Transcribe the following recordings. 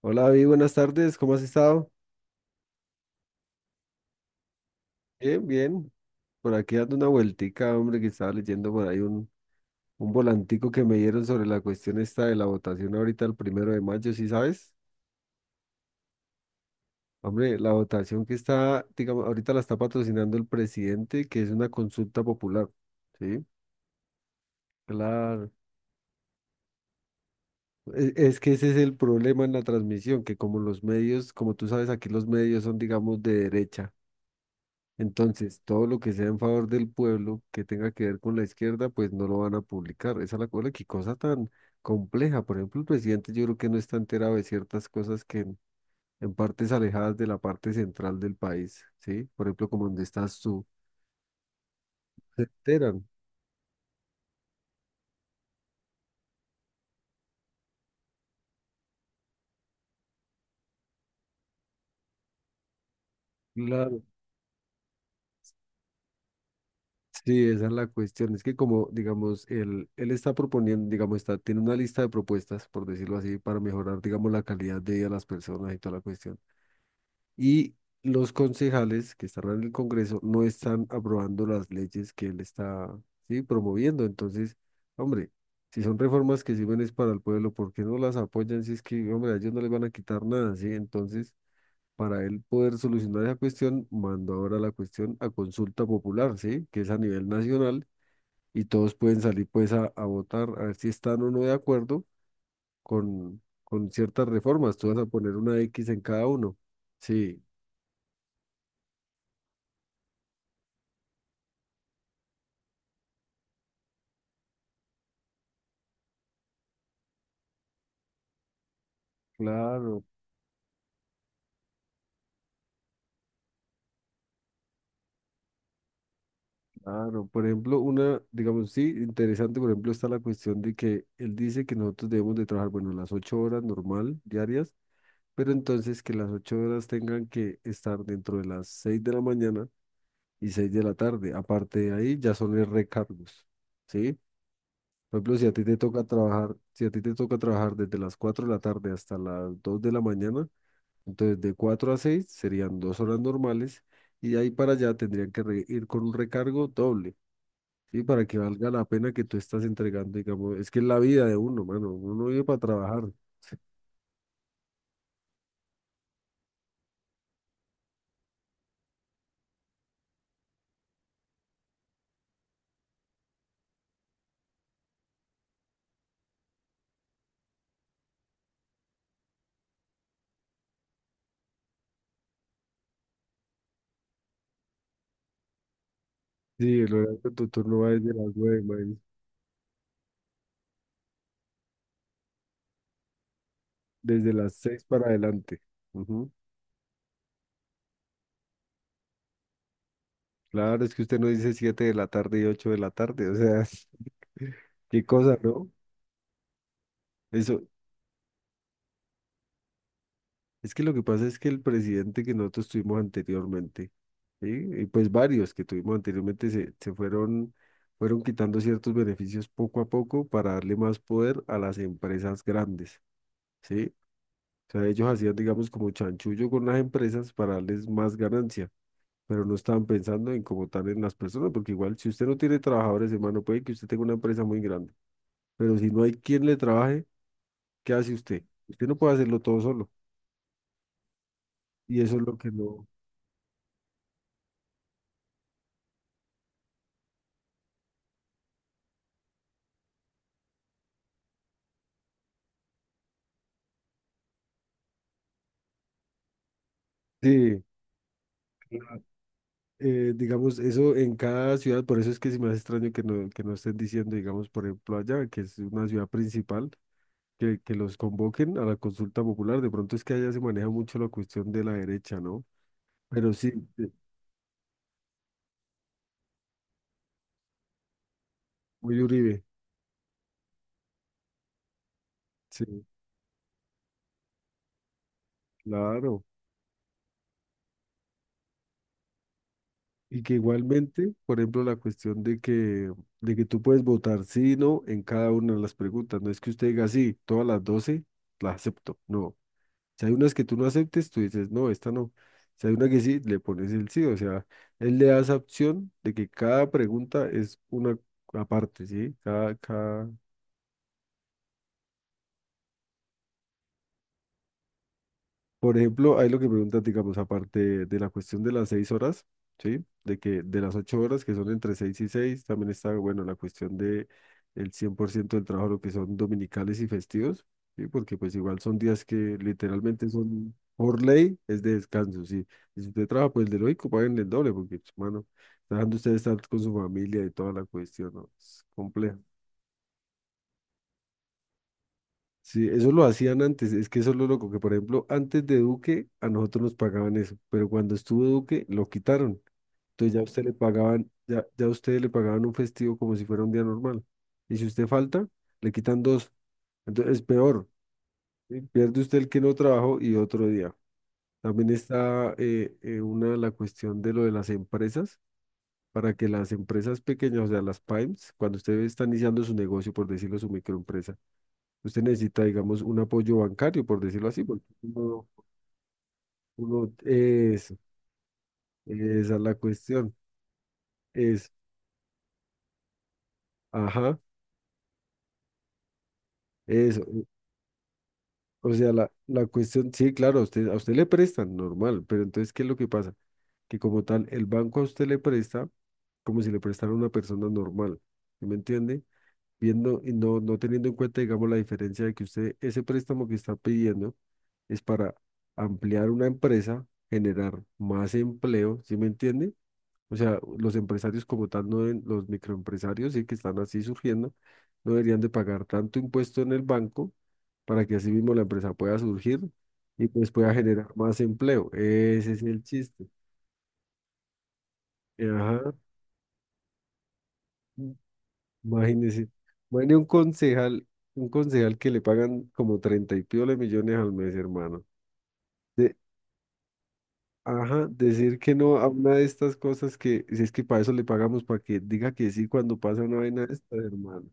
Hola, David, buenas tardes, ¿cómo has estado? Bien, bien. Por aquí dando una vueltica, hombre, que estaba leyendo por ahí un volantico que me dieron sobre la cuestión esta de la votación ahorita el 1 de mayo, ¿sí sabes? Hombre, la votación que está, digamos, ahorita la está patrocinando el presidente, que es una consulta popular, ¿sí? Claro. Es que ese es el problema en la transmisión, que como los medios, como tú sabes, aquí los medios son, digamos, de derecha. Entonces, todo lo que sea en favor del pueblo que tenga que ver con la izquierda, pues no lo van a publicar. Esa es la cosa, qué cosa tan compleja. Por ejemplo, el presidente yo creo que no está enterado de ciertas cosas que en partes alejadas de la parte central del país, ¿sí? Por ejemplo, como donde estás tú, se enteran. Claro. Sí, esa es la cuestión. Es que como, digamos, él está proponiendo, digamos, tiene una lista de propuestas, por decirlo así, para mejorar, digamos, la calidad de vida de las personas y toda la cuestión. Y los concejales que están en el Congreso no están aprobando las leyes que él está, sí, promoviendo. Entonces, hombre, si son reformas que sirven es para el pueblo, ¿por qué no las apoyan? Si es que, hombre, a ellos no les van a quitar nada, ¿sí? Entonces, para él poder solucionar esa cuestión, mando ahora la cuestión a consulta popular, ¿sí? Que es a nivel nacional y todos pueden salir pues a votar a ver si están o no de acuerdo con ciertas reformas. Tú vas a poner una X en cada uno. Sí. Claro, claro, por ejemplo, una, digamos, sí, interesante, por ejemplo, está la cuestión de que él dice que nosotros debemos de trabajar, bueno, las 8 horas normal, diarias, pero entonces que las 8 horas tengan que estar dentro de las 6 de la mañana y 6 de la tarde. Aparte de ahí, ya son los recargos, ¿sí? Por ejemplo, si a ti te toca trabajar, si a ti te toca trabajar desde las 4 de la tarde hasta las 2 de la mañana, entonces de 4 a 6 serían 2 horas normales y de ahí para allá tendrían que ir con un recargo doble. Sí, para que valga la pena que tú estás entregando, digamos, es que es la vida de uno, mano, uno vive para trabajar. Sí, el horario de tu turno va desde las 9, man, desde las 6 para adelante. Ujú. Claro, es que usted no dice 7 de la tarde y 8 de la tarde, o sea, qué cosa, ¿no? Eso, es que lo que pasa es que el presidente que nosotros tuvimos anteriormente, ¿sí? Y pues varios que tuvimos anteriormente se fueron quitando ciertos beneficios poco a poco para darle más poder a las empresas grandes. ¿Sí? Sea, ellos hacían, digamos, como chanchullo con las empresas para darles más ganancia, pero no estaban pensando en como tal en las personas, porque igual si usted no tiene trabajadores, hermano, puede que usted tenga una empresa muy grande, pero si no hay quien le trabaje, ¿qué hace usted? Usted no puede hacerlo todo solo. Y eso es lo que no... Sí, claro. Digamos, eso en cada ciudad, por eso es que se me hace extraño que no, estén diciendo, digamos, por ejemplo, allá, que es una ciudad principal. Que los convoquen a la consulta popular, de pronto es que allá se maneja mucho la cuestión de la derecha, ¿no? Pero sí, muy de Uribe, sí, claro. Y que igualmente, por ejemplo, la cuestión de que tú puedes votar sí y no en cada una de las preguntas. No es que usted diga sí, todas las 12 las acepto. No. Si hay unas que tú no aceptes, tú dices no, esta no. Si hay una que sí, le pones el sí. O sea, él le da esa opción de que cada pregunta es una aparte, ¿sí? Por ejemplo, hay lo que preguntas, digamos, aparte de la cuestión de las 6 horas, ¿sí? De que de las 8 horas, que son entre 6 y 6, también está, bueno, la cuestión de el 100% del trabajo, lo que son dominicales y festivos, ¿sí? Porque pues igual son días que literalmente son, por ley, es de descanso, ¿sí? Y si usted trabaja, pues de lógico, paguen el doble, porque, pues, mano, dejando usted estar con su familia y toda la cuestión, ¿no? Es complejo. Sí, eso lo hacían antes, es que eso es lo loco, que por ejemplo, antes de Duque a nosotros nos pagaban eso, pero cuando estuvo Duque lo quitaron. Entonces ya a usted le pagaban un festivo como si fuera un día normal. Y si usted falta, le quitan dos. Entonces es peor, ¿sí? Pierde usted el que no trabajó y otro día. También está una la cuestión de lo de las empresas, para que las empresas pequeñas, o sea, las PYMEs, cuando usted está iniciando su negocio, por decirlo, su microempresa, usted necesita, digamos, un apoyo bancario, por decirlo así, porque uno es, esa es la cuestión, es, ajá, eso, o sea, la cuestión, sí, claro, a usted le prestan, normal, pero entonces, ¿qué es lo que pasa? Que como tal, el banco a usted le presta como si le prestara a una persona normal, ¿sí me entiende? Viendo y no teniendo en cuenta, digamos, la diferencia de que usted, ese préstamo que está pidiendo es para ampliar una empresa, generar más empleo, ¿sí me entiende? O sea, los empresarios como tal, no deben- los microempresarios, sí que están así surgiendo, no deberían de pagar tanto impuesto en el banco para que así mismo la empresa pueda surgir y pues pueda generar más empleo. Ese es el chiste. Ajá, mm, imagínese. Bueno, un concejal que le pagan como 30 y piola millones al mes, hermano. De, ajá, decir que no a una de estas cosas que, si es que para eso le pagamos, para que diga que sí cuando pasa una vaina de esta, hermano.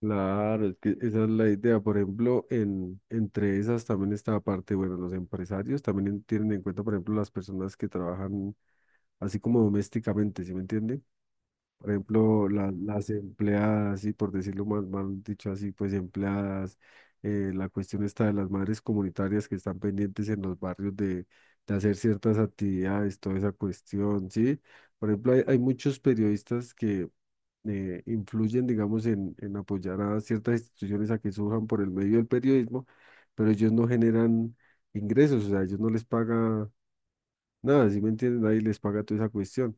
Claro, es que esa es la idea. Por ejemplo, entre esas también está la parte, bueno, los empresarios también tienen en cuenta, por ejemplo, las personas que trabajan así como domésticamente, ¿sí me entiende? Por ejemplo, las empleadas, y por decirlo mal, mal dicho así, pues empleadas, la cuestión está de las madres comunitarias que están pendientes en los barrios de hacer ciertas actividades, toda esa cuestión, ¿sí? Por ejemplo, hay muchos periodistas que influyen, digamos, en, apoyar a ciertas instituciones a que surjan por el medio del periodismo, pero ellos no generan ingresos, o sea, ellos no les paga nada, ¿sí me entienden? Nadie les paga toda esa cuestión,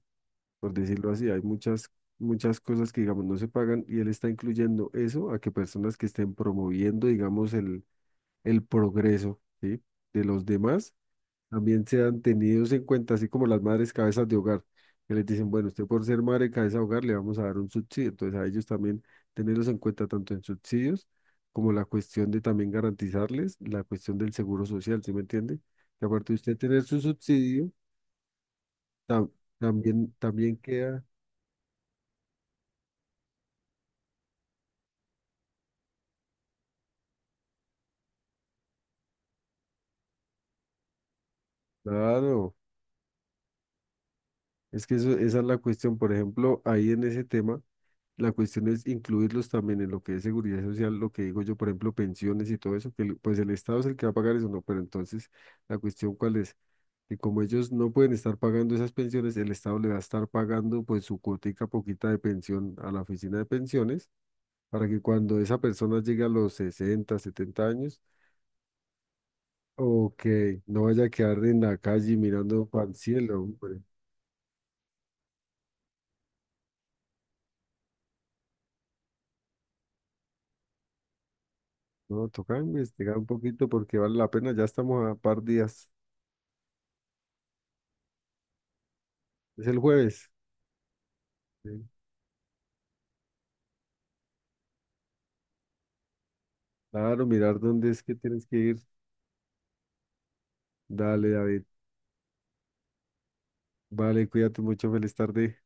por decirlo así. Hay muchas, muchas cosas que, digamos, no se pagan y él está incluyendo eso a que personas que estén promoviendo, digamos, el progreso, ¿sí? de los demás también sean tenidos en cuenta, así como las madres cabezas de hogar, que les dicen, bueno, usted por ser madre cabeza de hogar le vamos a dar un subsidio, entonces a ellos también tenerlos en cuenta tanto en subsidios como la cuestión de también garantizarles la cuestión del seguro social, ¿sí me entiende? Que aparte de usted tener su subsidio, tam- también queda, claro, es que eso, esa es la cuestión, por ejemplo, ahí en ese tema. La cuestión es incluirlos también en lo que es seguridad social, lo que digo yo, por ejemplo, pensiones y todo eso, que pues el Estado es el que va a pagar eso, no, pero entonces la cuestión cuál es, que como ellos no pueden estar pagando esas pensiones, el Estado le va a estar pagando pues su cuotica poquita de pensión a la oficina de pensiones para que cuando esa persona llegue a los 60 o 70 años, o que no vaya a quedar en la calle mirando para el cielo, hombre. No, toca investigar un poquito porque vale la pena, ya estamos a par días, es el jueves. ¿Sí? Claro, mirar dónde es que tienes que ir. Dale, David. Vale, cuídate mucho, feliz tarde.